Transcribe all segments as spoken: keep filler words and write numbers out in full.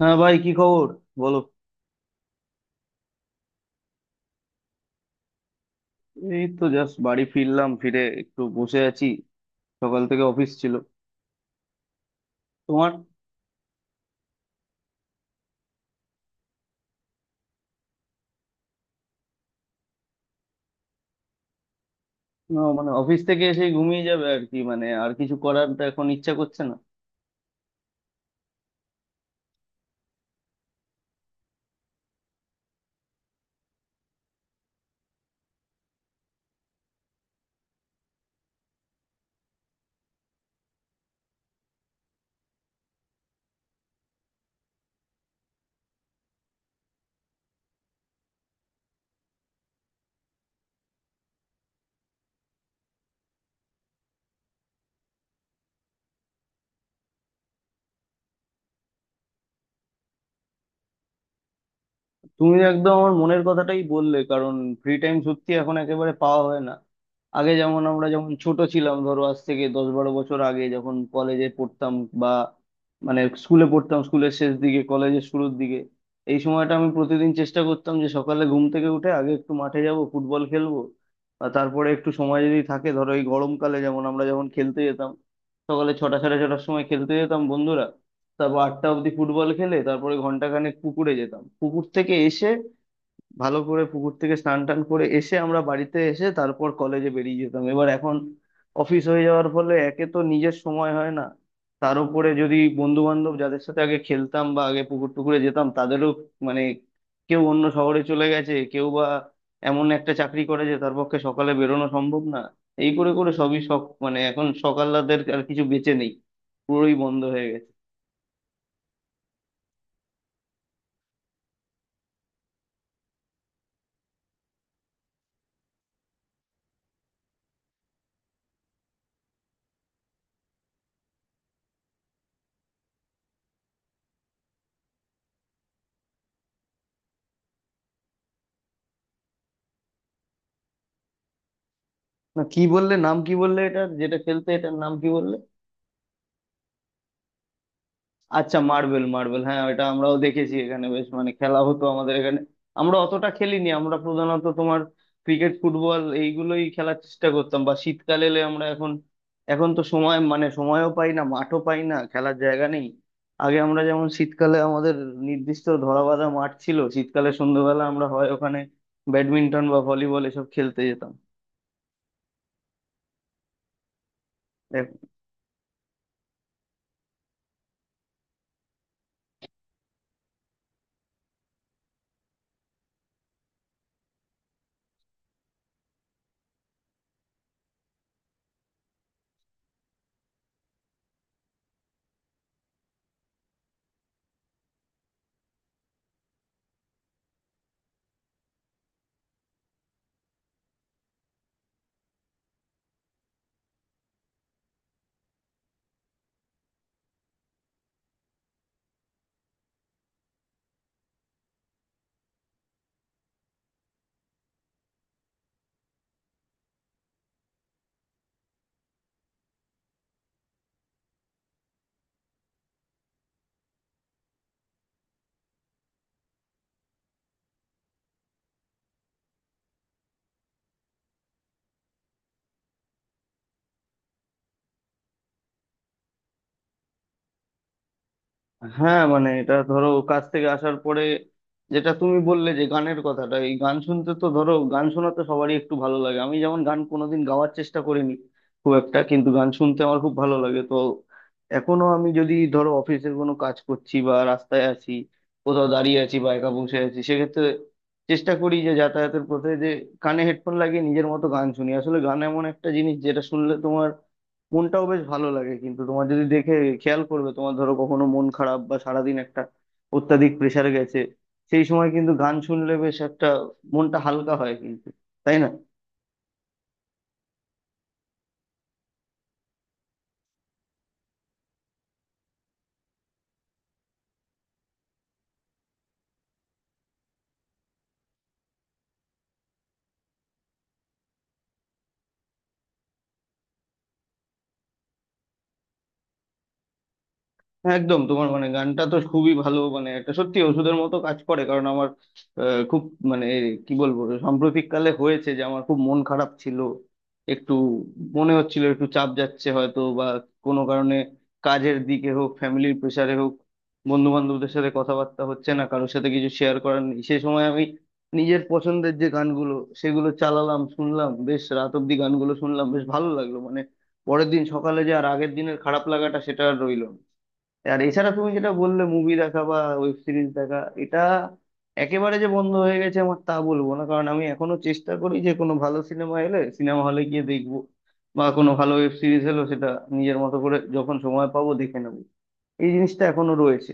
হ্যাঁ ভাই, কি খবর? বলো। এই তো জাস্ট বাড়ি ফিরলাম, ফিরে একটু বসে আছি। সকাল থেকে অফিস ছিল। তোমার? আহ, মানে, অফিস থেকে এসে ঘুমিয়ে যাবে আর কি, মানে আর কিছু করার তো এখন ইচ্ছা করছে না। তুমি একদম আমার মনের কথাটাই বললে, কারণ ফ্রি টাইম সত্যি এখন একেবারে পাওয়া হয় না। আগে যেমন আমরা যখন ছোট ছিলাম, ধরো আজ থেকে দশ বারো বছর আগে যখন কলেজে পড়তাম, বা মানে স্কুলে পড়তাম, স্কুলের শেষ দিকে কলেজের শুরুর দিকে, এই সময়টা আমি প্রতিদিন চেষ্টা করতাম যে সকালে ঘুম থেকে উঠে আগে একটু মাঠে যাব, ফুটবল খেলবো। আর তারপরে একটু সময় যদি থাকে, ধরো এই গরমকালে যেমন আমরা যখন খেলতে যেতাম, সকালে ছটা সাড়ে ছটার সময় খেলতে যেতাম বন্ধুরা, তারপর আটটা অবধি ফুটবল খেলে, তারপরে ঘন্টাখানেক পুকুরে যেতাম। পুকুর থেকে এসে, ভালো করে পুকুর থেকে স্নান টান করে এসে আমরা বাড়িতে এসে তারপর কলেজে বেরিয়ে যেতাম। এবার এখন অফিস হয়ে যাওয়ার ফলে একে তো নিজের সময় হয় না, তার উপরে যদি বন্ধু বান্ধব যাদের সাথে আগে খেলতাম বা আগে পুকুর টুকুরে যেতাম, তাদেরও মানে কেউ অন্য শহরে চলে গেছে, কেউ বা এমন একটা চাকরি করে যে তার পক্ষে সকালে বেরোনো সম্ভব না। এই করে করে সবই, সব মানে এখন সকাল রাতের আর কিছু বেঁচে নেই, পুরোই বন্ধ হয়ে গেছে। না, কি বললে? নাম কি বললে এটার, যেটা খেলতে? এটার নাম কি বললে? আচ্ছা, মার্বেল, মার্বেল, হ্যাঁ এটা আমরাও দেখেছি, এখানে বেশ মানে খেলা হতো আমাদের এখানে। আমরা অতটা খেলিনি, আমরা প্রধানত তোমার ক্রিকেট ফুটবল এইগুলোই খেলার চেষ্টা করতাম, বা শীতকাল এলে আমরা এখন, এখন তো সময় মানে সময়ও পাই না, মাঠও পাই না, খেলার জায়গা নেই। আগে আমরা যেমন শীতকালে আমাদের নির্দিষ্ট ধরাবাঁধা মাঠ ছিল, শীতকালে সন্ধ্যেবেলা আমরা হয় ওখানে ব্যাডমিন্টন বা ভলিবল এসব খেলতে যেতাম। হ্যাঁ মানে এটা ধরো কাজ থেকে আসার পরে, যেটা তুমি বললে যে গানের কথাটা, এই গান শুনতে, তো ধরো গান শোনা তো সবারই একটু ভালো লাগে। আমি যেমন গান কোনোদিন গাওয়ার চেষ্টা করিনি খুব একটা, কিন্তু গান শুনতে আমার খুব ভালো লাগে। তো এখনো আমি যদি ধরো অফিসের কোনো কাজ করছি বা রাস্তায় আছি, কোথাও দাঁড়িয়ে আছি বা একা বসে আছি, সেক্ষেত্রে চেষ্টা করি যে যাতায়াতের পথে যে কানে হেডফোন লাগিয়ে নিজের মতো গান শুনি। আসলে গান এমন একটা জিনিস যেটা শুনলে তোমার মনটাও বেশ ভালো লাগে। কিন্তু তোমার যদি দেখে খেয়াল করবে, তোমার ধরো কখনো মন খারাপ বা সারাদিন একটা অত্যাধিক প্রেসার গেছে, সেই সময় কিন্তু গান শুনলে বেশ একটা মনটা হালকা হয়, কিন্তু, তাই না? হ্যাঁ একদম, তোমার মানে গানটা তো খুবই ভালো, মানে একটা সত্যি ওষুধের মতো কাজ করে, কারণ আমার আহ, খুব, মানে কি বলবো, সাম্প্রতিক কালে হয়েছে যে আমার খুব মন খারাপ ছিল, একটু মনে হচ্ছিল একটু চাপ যাচ্ছে হয়তো বা কোনো কারণে, কাজের দিকে হোক, ফ্যামিলির প্রেশারে হোক, বন্ধু বান্ধবদের সাথে কথাবার্তা হচ্ছে না, কারোর সাথে কিছু শেয়ার করার নেই। সে সময় আমি নিজের পছন্দের যে গানগুলো, সেগুলো চালালাম, শুনলাম, বেশ রাত অব্দি গানগুলো শুনলাম, বেশ ভালো লাগলো, মানে পরের দিন সকালে যে আর আগের দিনের খারাপ লাগাটা সেটা আর রইলো না। আর এছাড়া তুমি যেটা বললে মুভি দেখা বা ওয়েব সিরিজ দেখা, এটা একেবারে যে বন্ধ হয়ে গেছে আমার তা বলবো না, কারণ আমি এখনো চেষ্টা করি যে কোনো ভালো সিনেমা এলে সিনেমা হলে গিয়ে দেখবো, বা কোনো ভালো ওয়েব সিরিজ এলো, সেটা নিজের মতো করে যখন সময় পাবো দেখে নেবো। এই জিনিসটা এখনো রয়েছে।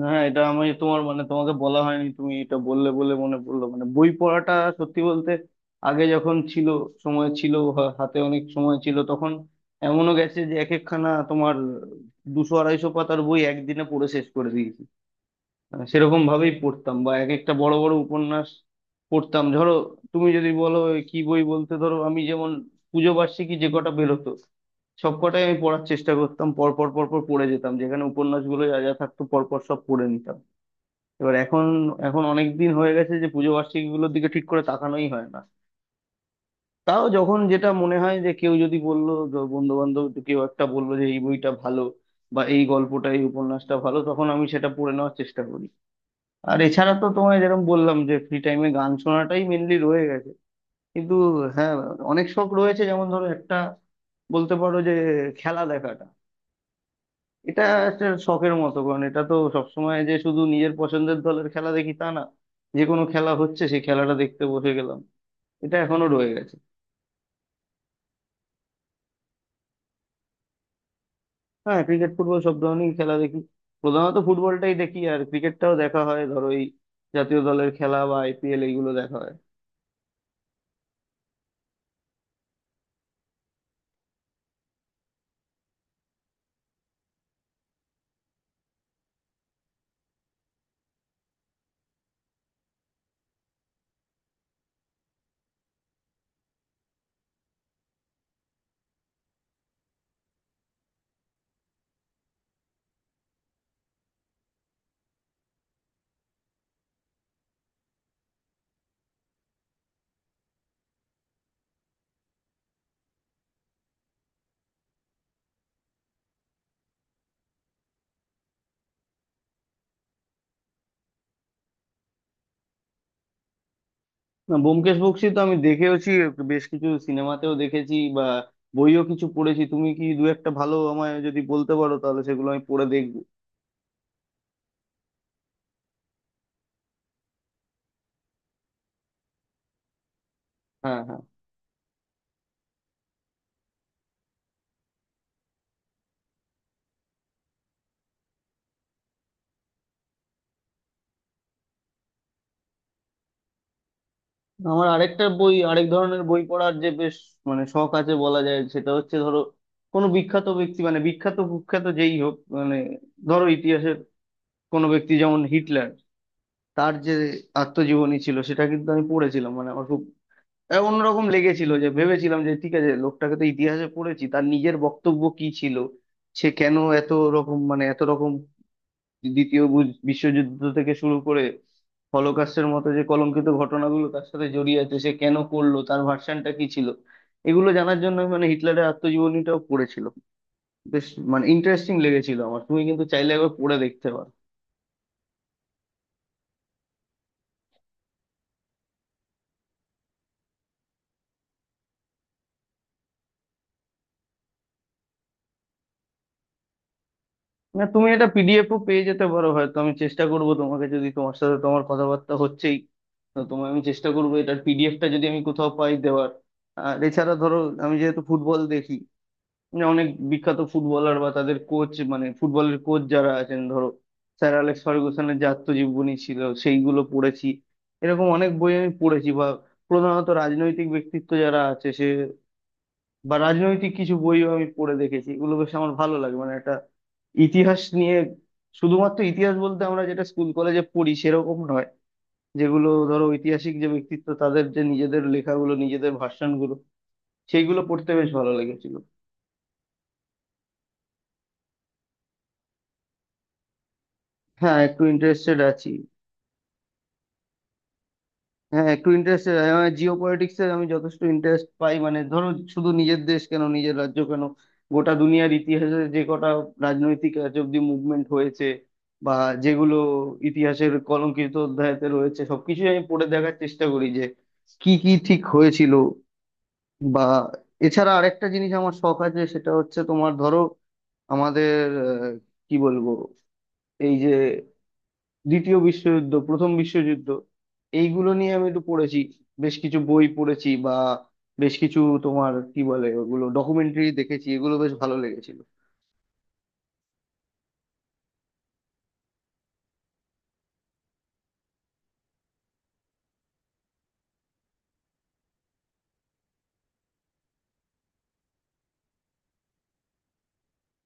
হ্যাঁ, এটা আমি তোমার মানে তোমাকে বলা হয়নি, তুমি এটা বললে বলে মনে পড়লো, মানে বই পড়াটা, সত্যি বলতে আগে যখন ছিল, সময় ছিল, হা- হাতে অনেক সময় ছিল তখন, এমনও গেছে যে এক একখানা তোমার দুশো আড়াইশো পাতার বই একদিনে পড়ে শেষ করে দিয়েছি, সেরকম ভাবেই পড়তাম, বা এক একটা বড় বড় উপন্যাস পড়তাম। ধরো তুমি যদি বলো এ কি বই বলতে, ধরো আমি যেমন পুজো বার্ষিকী যে কটা বেরোতো সব কটাই আমি পড়ার চেষ্টা করতাম, পর পর পর পর পড়ে যেতাম, যেখানে উপন্যাসগুলো যা যা থাকতো পর পর সব পড়ে নিতাম। এবার এখন এখন অনেক দিন হয়ে গেছে যে পুজো বার্ষিকীগুলোর দিকে ঠিক করে তাকানোই হয় না। তাও যখন যেটা মনে হয় যে কেউ যদি বললো, বন্ধু বান্ধব কেউ একটা বললো যে এই বইটা ভালো বা এই গল্পটা এই উপন্যাসটা ভালো, তখন আমি সেটা পড়ে নেওয়ার চেষ্টা করি। আর এছাড়া তো তোমায় যেরকম বললাম যে ফ্রি টাইমে গান শোনাটাই মেনলি রয়ে গেছে, কিন্তু হ্যাঁ, অনেক শখ রয়েছে, যেমন ধরো একটা বলতে পারো যে খেলা দেখাটা, এটা একটা শখের মতো, কারণ এটা তো সবসময় যে শুধু নিজের পছন্দের দলের খেলা দেখি তা না, যে কোনো খেলা হচ্ছে সেই খেলাটা দেখতে বসে গেলাম, এটা এখনো রয়ে গেছে। হ্যাঁ, ক্রিকেট ফুটবল সব ধরনেরই খেলা দেখি, প্রধানত ফুটবলটাই দেখি, আর ক্রিকেটটাও দেখা হয় ধরো এই জাতীয় দলের খেলা বা আই পি এল, এইগুলো দেখা হয়। না, ব্যোমকেশ বক্সী তো আমি দেখেওছি, বেশ কিছু সিনেমাতেও দেখেছি, বা বইও কিছু পড়েছি। তুমি কি দু একটা ভালো আমায় যদি বলতে পারো, তাহলে সেগুলো আমি পড়ে দেখবো। হ্যাঁ, হ্যাঁ। আমার আরেকটা বই, আরেক ধরনের বই পড়ার যে বেশ মানে শখ আছে বলা যায়, সেটা হচ্ছে ধরো কোনো বিখ্যাত ব্যক্তি, মানে বিখ্যাত কুখ্যাত যেই হোক, মানে ধরো ইতিহাসের কোনো ব্যক্তি যেমন হিটলার, তার যে আত্মজীবনী ছিল সেটা কিন্তু আমি পড়েছিলাম। মানে আমার খুব আহ, অন্যরকম লেগেছিল, যে ভেবেছিলাম যে ঠিক আছে, লোকটাকে তো ইতিহাসে পড়েছি, তার নিজের বক্তব্য কি ছিল, সে কেন এত রকম মানে এত রকম দ্বিতীয় বু- বিশ্বযুদ্ধ থেকে শুরু করে হলোকাস্টের মতো যে কলঙ্কিত ঘটনাগুলো তার সাথে জড়িয়ে আছে, সে কেন করলো, তার ভার্সনটা কি ছিল, এগুলো জানার জন্য আমি মানে হিটলারের আত্মজীবনীটাও পড়েছিল। বেশ মানে ইন্টারেস্টিং লেগেছিল আমার, তুমি কিন্তু চাইলে একবার পড়ে দেখতে পারো। না, তুমি এটা পি ডি এফ ও পেয়ে যেতে পারো হয়তো, আমি চেষ্টা করব তোমাকে, যদি তোমার সাথে তোমার কথাবার্তা হচ্ছেই, তো তোমায় আমি চেষ্টা করবো এটার পি ডি এফটা যদি আমি কোথাও পাই দেওয়ার। আর এছাড়া ধরো আমি যেহেতু ফুটবল দেখি, মানে অনেক বিখ্যাত ফুটবলার বা তাদের কোচ, মানে ফুটবলের কোচ যারা আছেন, ধরো স্যার অ্যালেক্স ফার্গুসনের যে আত্মজীবনী ছিল সেইগুলো পড়েছি। এরকম অনেক বই আমি পড়েছি, বা প্রধানত রাজনৈতিক ব্যক্তিত্ব যারা আছে সে, বা রাজনৈতিক কিছু বইও আমি পড়ে দেখেছি। এগুলো বেশ আমার ভালো লাগে, মানে একটা ইতিহাস নিয়ে, শুধুমাত্র ইতিহাস বলতে আমরা যেটা স্কুল কলেজে পড়ি সেরকম নয়, যেগুলো ধরো ঐতিহাসিক যে ব্যক্তিত্ব তাদের যে নিজেদের লেখাগুলো, নিজেদের ভাষণগুলো, সেইগুলো পড়তে বেশ ভালো লেগেছিল। হ্যাঁ একটু ইন্টারেস্টেড আছি, হ্যাঁ একটু ইন্টারেস্ট। জিও পলিটিক্সে আমি যথেষ্ট ইন্টারেস্ট পাই, মানে ধরো শুধু নিজের দেশ কেন, নিজের রাজ্য কেন, গোটা দুনিয়ার ইতিহাসে যে কটা রাজনৈতিক আজ অব্দি মুভমেন্ট হয়েছে, বা যেগুলো ইতিহাসের কলঙ্কিত অধ্যায়তে রয়েছে, সবকিছু আমি পড়ে দেখার চেষ্টা করি যে কি কি ঠিক হয়েছিল। বা এছাড়া আরেকটা জিনিস আমার শখ আছে, সেটা হচ্ছে তোমার ধরো আমাদের আহ, কি বলবো, এই যে দ্বিতীয় বিশ্বযুদ্ধ, প্রথম বিশ্বযুদ্ধ, এইগুলো নিয়ে আমি একটু পড়েছি, বেশ কিছু বই পড়েছি, বা বেশ কিছু তোমার কি বলে ওগুলো ডকুমেন্টারি দেখেছি, এগুলো বেশ ভালো লেগেছিল।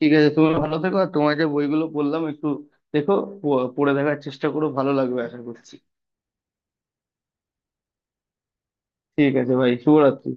ঠিক আছে, তুমি ভালো থেকো, আর তোমার যে বইগুলো বললাম একটু দেখো, প- পড়ে দেখার চেষ্টা করো, ভালো লাগবে আশা করছি। ঠিক আছে ভাই, শুভরাত্রি।